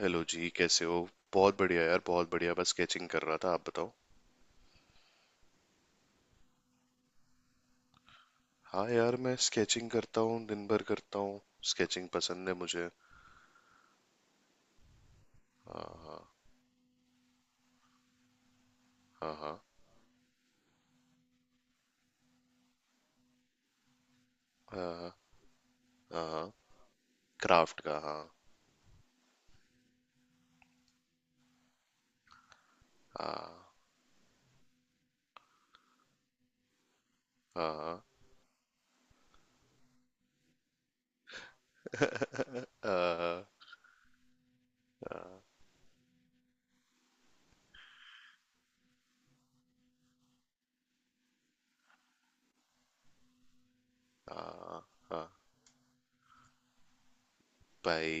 Hello ji कैसे हो। बहुत बढ़िया यार, बहुत बढ़िया। बस स्केचिंग कर रहा था, आप बताओ। हाँ यार, मैं स्केचिंग करता हूँ, दिन भर करता हूँ। स्केचिंग पसंद है मुझे। हाँ हाँ। हाँ हाँ। हाँ हाँ। हाँ, क्राफ्ट का। हाँ हाँ हाँ। हाँ। हाँ हाँ। भाई।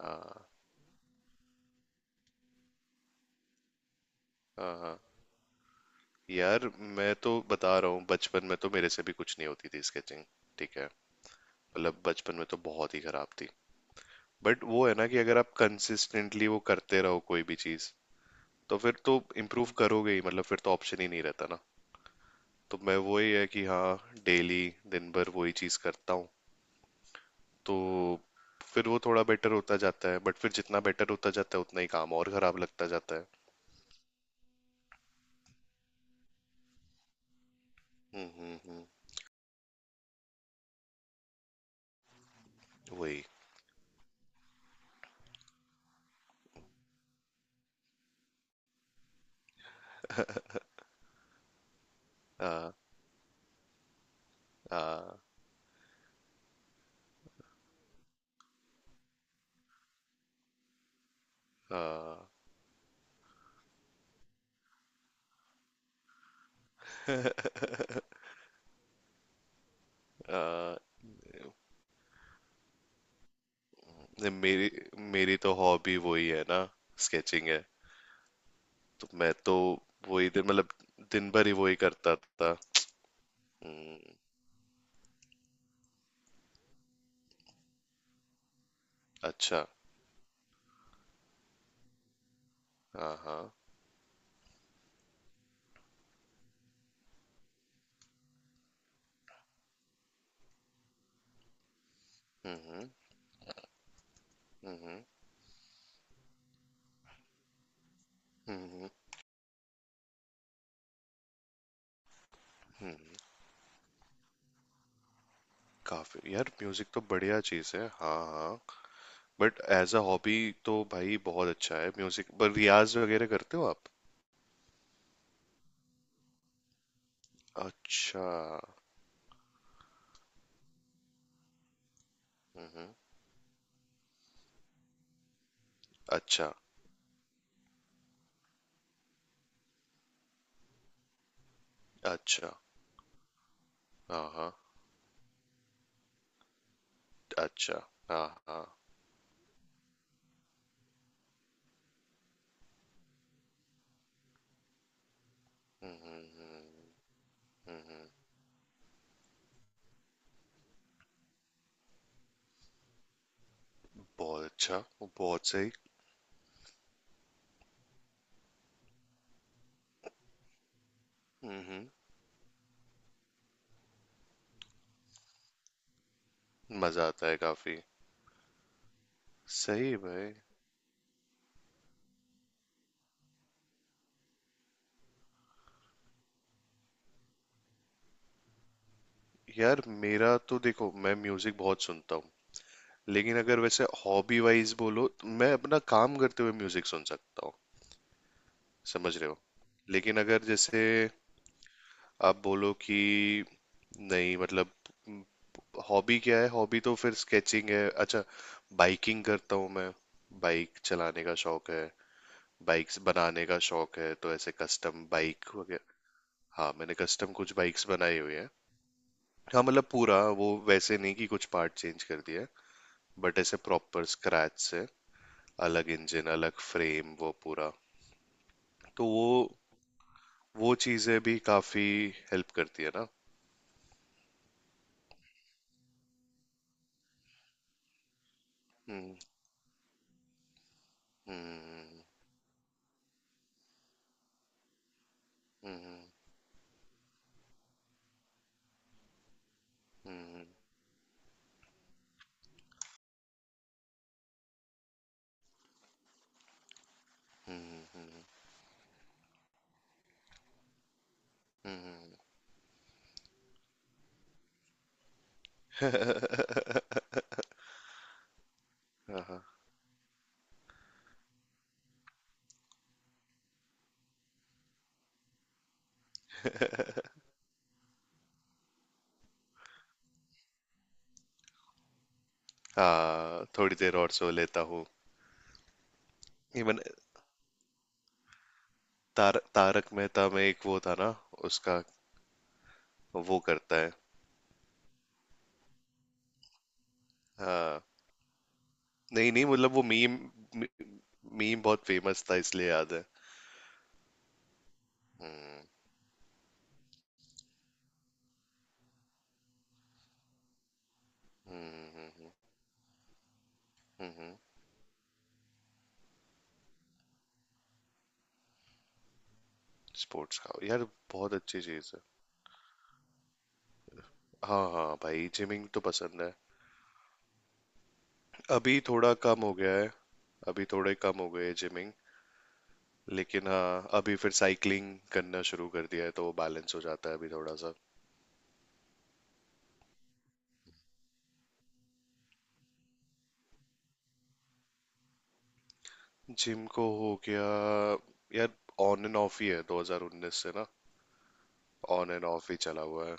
हाँ हाँ। हाँ यार, मैं तो बता रहा हूँ, बचपन में तो मेरे से भी कुछ नहीं होती थी स्केचिंग। ठीक है। मतलब बचपन में तो बहुत ही खराब थी। बट वो है ना कि अगर आप कंसिस्टेंटली वो करते रहो कोई भी चीज, तो फिर तो इम्प्रूव करोगे ही। मतलब फिर तो ऑप्शन ही नहीं रहता ना। तो मैं, वही है कि हाँ, डेली दिन भर वही चीज करता हूँ। तो फिर वो थोड़ा बेटर होता जाता है, बट फिर जितना बेटर होता जाता है उतना ही काम और खराब लगता जाता है। हम्म। वही। आ, आ, आ, आ, नहीं, मेरी मेरी तो हॉबी वही है ना, स्केचिंग है। तो मैं तो वही दिन, मतलब दिन भर ही वही करता था। हम्म। अच्छा। हाँ हाँ। हम्म। हम्म। हम्म, हम्म। काफी यार, म्यूजिक तो बढ़िया चीज है। हाँ हाँ, बट एज अ हॉबी तो भाई बहुत अच्छा है। म्यूजिक पर रियाज वगैरह करते हो आप? अच्छा। अच्छा। अच्छा। हाँ हाँ। अच्छा। हाँ हाँ। बहुत अच्छा। बहुत सही। हम्म। मजा आता है काफी। सही है भाई। यार मेरा तो देखो, मैं म्यूजिक बहुत सुनता हूँ, लेकिन अगर वैसे हॉबी वाइज बोलो, तो मैं अपना काम करते हुए म्यूजिक सुन सकता हूँ। समझ रहे हो। लेकिन अगर जैसे आप बोलो कि, नहीं मतलब हॉबी क्या है, हॉबी तो फिर स्केचिंग है। अच्छा, बाइकिंग करता हूँ मैं। बाइक चलाने का शौक है। बाइक्स बनाने का शौक है, तो ऐसे कस्टम बाइक वगैरह। हाँ मैंने कस्टम कुछ बाइक्स बनाई हुई है। हाँ मतलब पूरा, वो वैसे नहीं कि कुछ पार्ट चेंज कर दिया, बट ऐसे प्रॉपर स्क्रैच से, अलग इंजन, अलग फ्रेम, वो पूरा। तो वो चीजें भी काफी हेल्प करती है ना। हम्म हम्म हम्म। हम्म हम्म। हम्म। हाँ, हाँ। हाँ, थोड़ी देर और सो लेता हूँ। इवन तारक मेहता में एक वो था ना, उसका, वो करता है। हाँ। नहीं नहीं, मतलब वो मीम, मीम बहुत फेमस था इसलिए याद है। हम्म। हम्म हम्म। स्पोर्ट्स का यार बहुत अच्छी चीज है। हाँ हाँ भाई, जिमिंग तो पसंद है। अभी थोड़ा कम हो गया है। अभी थोड़े कम हो गए है जिमिंग। लेकिन हाँ, अभी फिर साइकिलिंग करना शुरू कर दिया है, तो वो बैलेंस हो जाता है अभी थोड़ा सा। जिम को हो गया यार, ऑन एंड ऑफ ही है 2019 से ना। ऑन एंड ऑफ ही चला हुआ है।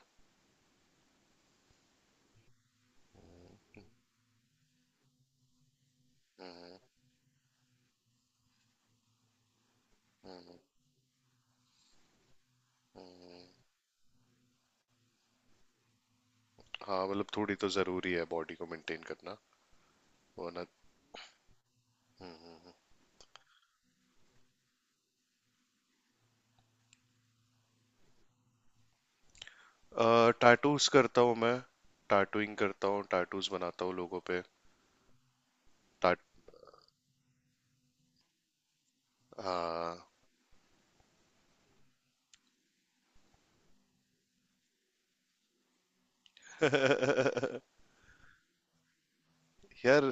हाँ मतलब थोड़ी तो जरूरी है बॉडी को मेंटेन करना, वरना। टैटूज करता हूँ मैं, टैटूइंग करता हूँ, टैटूज बनाता हूँ लोगों पे। टैट हाँ। यार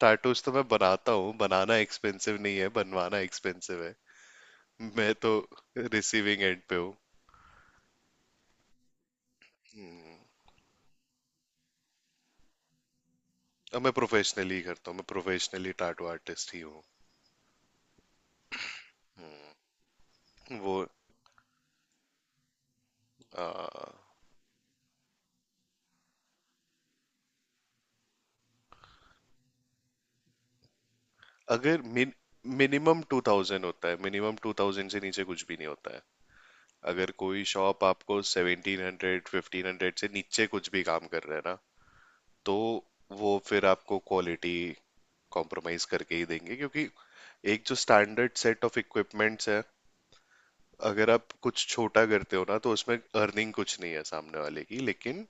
टैटूज तो मैं बनाता हूँ, बनाना एक्सपेंसिव नहीं है, बनवाना एक्सपेंसिव है। मैं तो रिसीविंग एंड पे हूँ। अब मैं प्रोफेशनली करता हूँ, मैं प्रोफेशनली टैटू आर्टिस्ट ही हूँ। वो आ, अगर मिनिमम टू थाउजेंड होता है, मिनिमम 2000 से नीचे कुछ भी नहीं होता है। अगर कोई शॉप आपको 1700, 1500 से नीचे कुछ भी काम कर रहा है ना, तो वो फिर आपको क्वालिटी कॉम्प्रोमाइज करके ही देंगे, क्योंकि एक जो स्टैंडर्ड सेट ऑफ इक्विपमेंट्स है, अगर आप कुछ छोटा करते हो ना, तो उसमें अर्निंग कुछ नहीं है सामने वाले की, लेकिन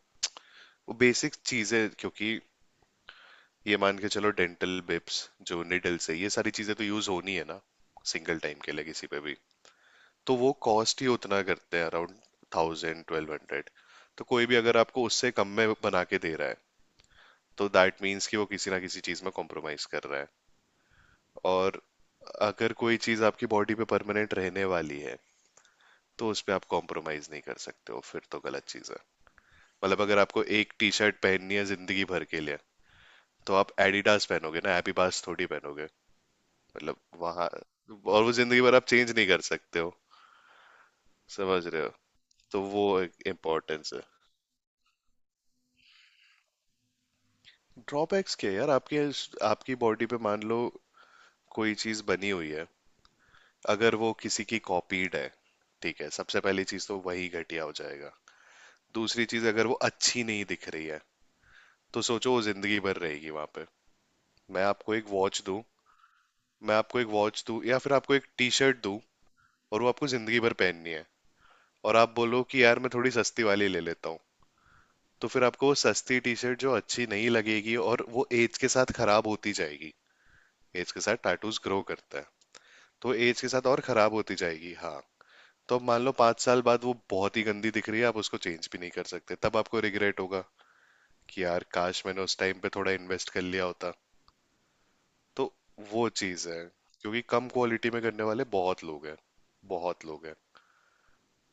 वो बेसिक चीजें, क्योंकि ये मान के चलो डेंटल बिप्स, जो निडल्स है, ये सारी चीजें तो यूज होनी है ना, सिंगल टाइम के लिए किसी पे भी। तो वो कॉस्ट ही उतना करते हैं, अराउंड 1000-1200। तो कोई भी अगर आपको उससे कम में बना के दे रहा है, तो दैट मीन्स कि वो किसी ना किसी चीज में कॉम्प्रोमाइज कर रहा है। और अगर कोई चीज आपकी बॉडी पे परमानेंट रहने वाली है, तो उसमें आप कॉम्प्रोमाइज नहीं कर सकते हो, फिर तो गलत चीज है। मतलब अगर आपको एक टी शर्ट पहननी है जिंदगी भर के लिए, तो आप एडिडास पहनोगे ना, एपीबास थोड़ी पहनोगे। मतलब वहां, और वो जिंदगी भर आप चेंज नहीं कर सकते हो। समझ रहे हो, तो वो एक इम्पोर्टेंस है। ड्रॉबैक्स क्या यार, आपके, आपकी बॉडी पे मान लो कोई चीज बनी हुई है, अगर वो किसी की कॉपीड है, ठीक है, सबसे पहली चीज तो वही घटिया हो जाएगा। दूसरी चीज, अगर वो अच्छी नहीं दिख रही है, तो सोचो वो जिंदगी भर रहेगी वहां पे। मैं आपको एक वॉच दूं मैं आपको एक वॉच दूं या फिर आपको एक टी शर्ट दूं, और वो आपको जिंदगी भर पहननी है, और आप बोलो कि यार मैं थोड़ी सस्ती वाली ले लेता हूँ, तो फिर आपको वो सस्ती टी शर्ट जो अच्छी नहीं लगेगी, और वो एज के साथ खराब होती जाएगी। एज के साथ टैटूज ग्रो करता है, तो एज के साथ और खराब होती जाएगी। हाँ, तो अब मान लो 5 साल बाद वो बहुत ही गंदी दिख रही है, आप उसको चेंज भी नहीं कर सकते, तब आपको रिग्रेट होगा कि यार काश मैंने उस टाइम पे थोड़ा इन्वेस्ट कर लिया होता। तो वो चीज़ है, क्योंकि कम क्वालिटी में करने वाले बहुत लोग हैं, बहुत लोग हैं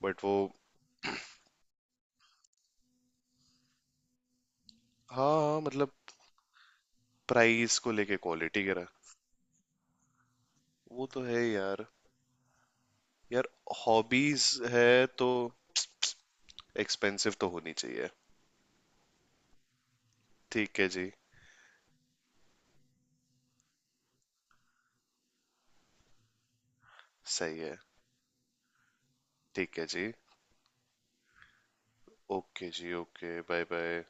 बट वो हाँ हाँ मतलब प्राइस को लेके क्वालिटी गिरा। वो तो है यार। यार हॉबीज है तो एक्सपेंसिव तो होनी चाहिए। ठीक है जी। सही है। ठीक है जी। ओके जी, ओके, बाय बाय।